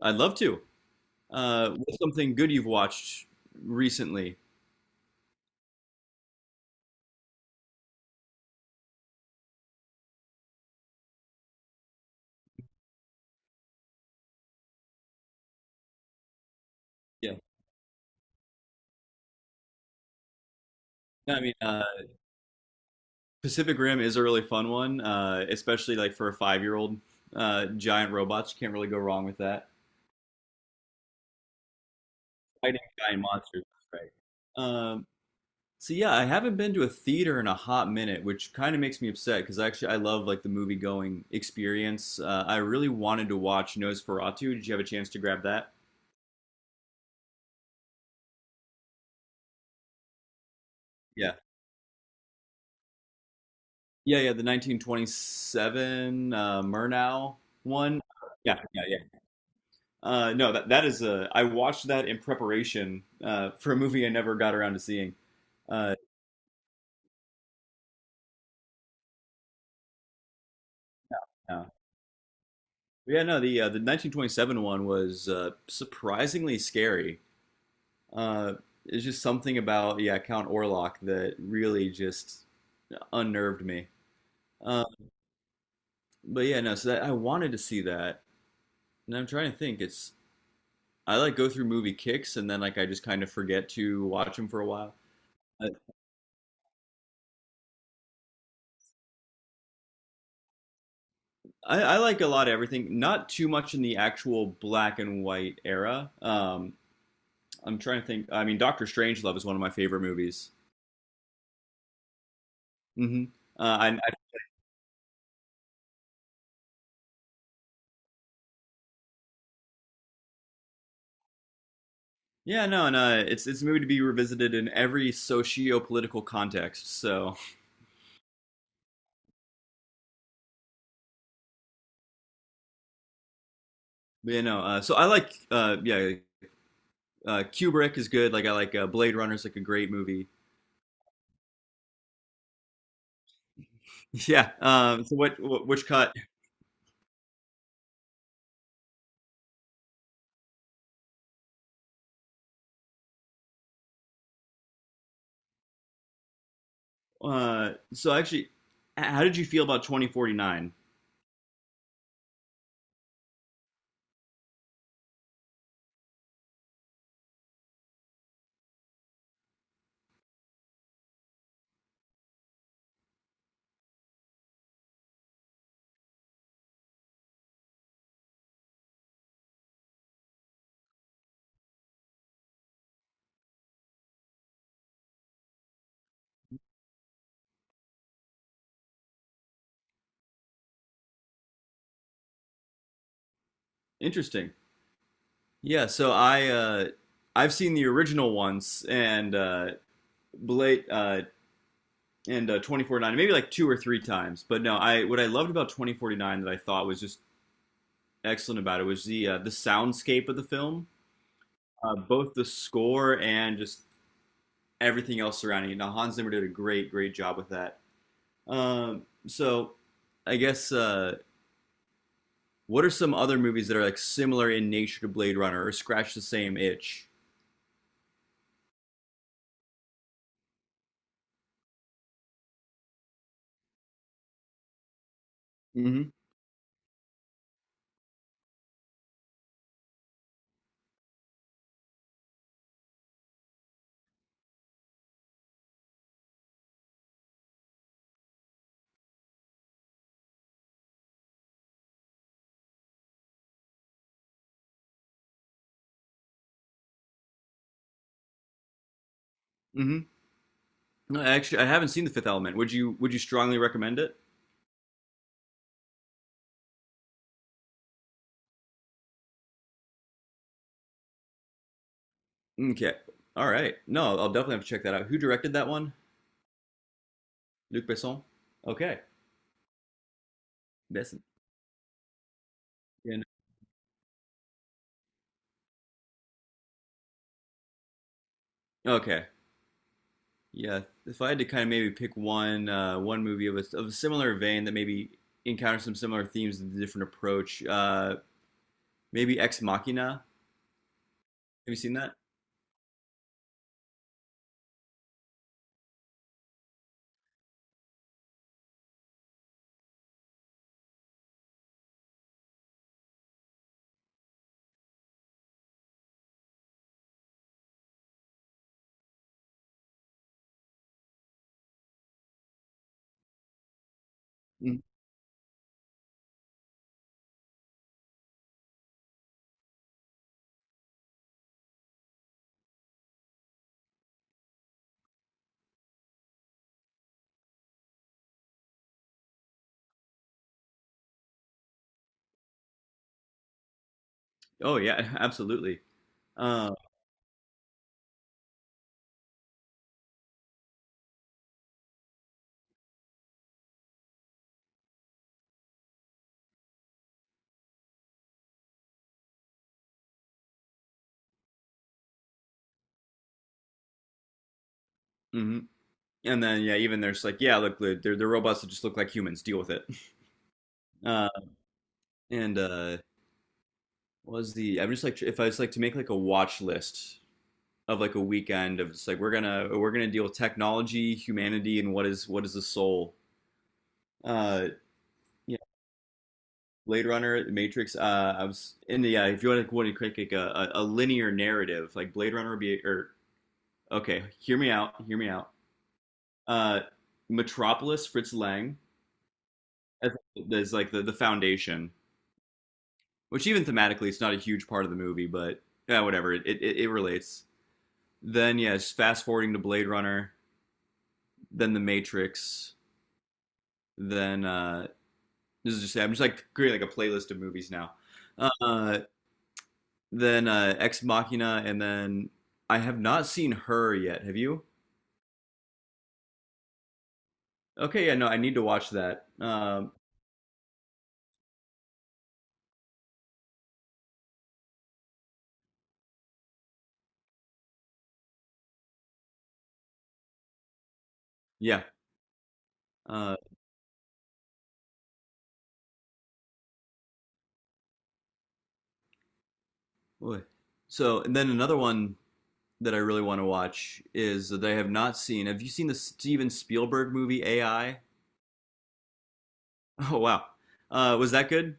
I'd love to. What's something good you've watched recently? Yeah, no, I mean, Pacific Rim is a really fun one, especially like for a 5-year-old. Giant robots, can't really go wrong with that. Fighting giant monsters, that's right? So yeah, I haven't been to a theater in a hot minute, which kind of makes me upset because actually I love like the movie-going experience. I really wanted to watch Nosferatu. Did you have a chance to grab that? Yeah. Yeah, yeah, the 1927 Murnau one. Yeah, yeah, yeah. No, that that is a. I watched that in preparation for a movie I never got around to seeing. Uh, yeah. But yeah, no, the 1927 one was surprisingly scary. Uh, it's just something about, yeah, Count Orlok that really just unnerved me. Uh, but yeah, no, so that I wanted to see that, and I'm trying to think. It's I like go through movie kicks, and then like I just kind of forget to watch them for a while. I like a lot of everything. Not too much in the actual black and white era. I'm trying to think. I mean, Doctor Strangelove is one of my favorite movies. Hmm. Uh, I, I, yeah, no, and it's a movie to be revisited in every socio-political context. So, so I like, yeah, Kubrick is good. Like I like Blade Runner is like a great movie. Yeah. So, what which cut? So actually, how did you feel about 2049? Interesting. Yeah, so I've seen the original once and Blade and 2049 maybe like two or three times. But no, I what I loved about 2049 that I thought was just excellent about it was the soundscape of the film, both the score and just everything else surrounding it. Now Hans Zimmer did a great, great job with that. So I guess what are some other movies that are like similar in nature to Blade Runner or scratch the same itch? Mhm. Mhm. No, actually, I haven't seen The Fifth Element. Would you strongly recommend it? Okay. All right. No, I'll definitely have to check that out. Who directed that one? Luc Besson. Okay. Besson. Yeah, no- Okay. Yeah. If I had to kind of maybe pick one movie of a similar vein that maybe encounters some similar themes and a different approach, maybe Ex Machina. Have you seen that? Mm. Oh yeah, absolutely. Uh, hmm And then, yeah, even there's like, yeah, look, they're robots that just look like humans. Deal with it. Uh, and, what was the? I'm just like if I was like to make like a watch list of like a weekend of it's like we're gonna deal with technology, humanity, and what is the soul. Uh, yeah, Blade Runner, Matrix. I was in the yeah. If you want to create like a linear narrative, like Blade Runner would be or okay, hear me out, hear me out. Uh, Metropolis, Fritz Lang, as, like the foundation, which even thematically it's not a huge part of the movie, but yeah, whatever. It relates. Then yes, fast forwarding to Blade Runner, then The Matrix, then this is just I'm just like creating like a playlist of movies now. Uh, then Ex Machina, and then I have not seen her yet. Have you? Okay, yeah, no, I need to watch that. Yeah. Uh, Boy. So and then another one that I really want to watch is that I have not seen. Have you seen the Steven Spielberg movie AI? Oh wow, was that good?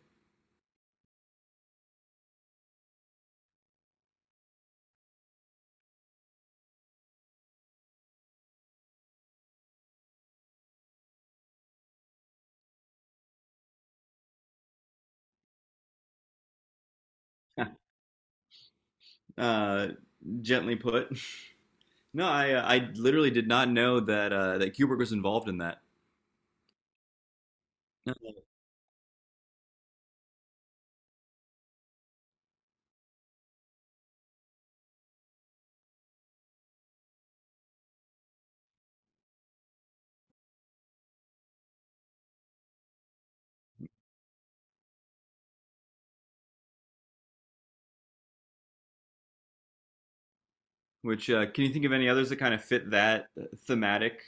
Uh, Gently put. No, I literally did not know that that Kubrick was involved in that. Which can you think of any others that kind of fit that thematic?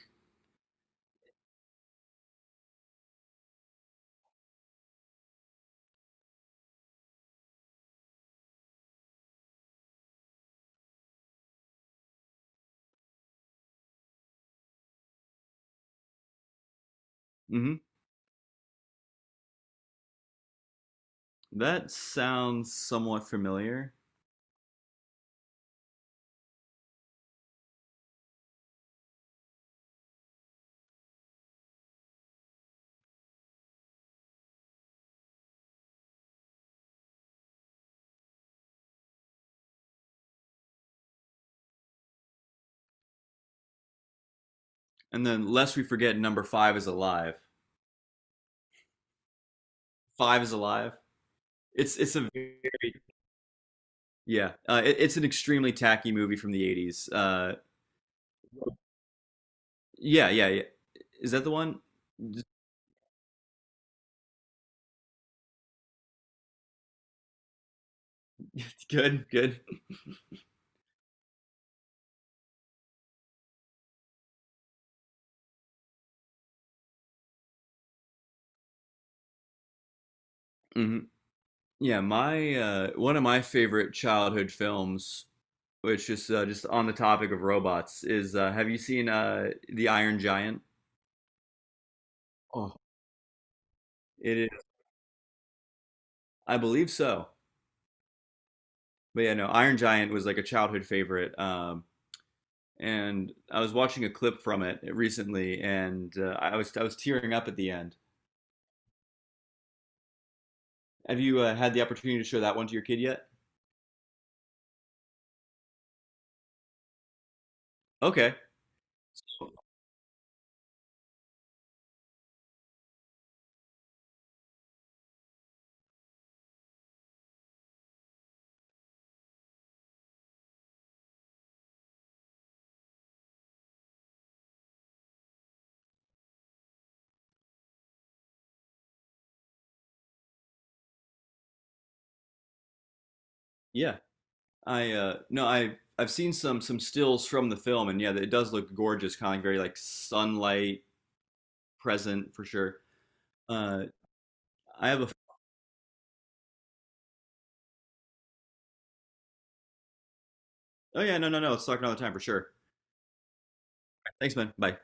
Hmm. That sounds somewhat familiar. And then, lest we forget, number five is alive. Five is alive. It's a very, yeah. It's an extremely tacky movie from the 80s. Yeah, yeah, yeah. Is that the one? Good, good. Hmm. Yeah, my one of my favorite childhood films which just on the topic of robots is have you seen the Iron Giant? Oh. It is, I believe so. But yeah, no, Iron Giant was like a childhood favorite. And I was watching a clip from it recently, and I was tearing up at the end. Have you had the opportunity to show that one to your kid yet? Okay. Yeah, I no, I've seen some stills from the film, and yeah, it does look gorgeous, kind of very like sunlight present for sure. Uh, I have a Oh yeah, no, no, no. Let's talk another time for sure. Thanks, man. Bye.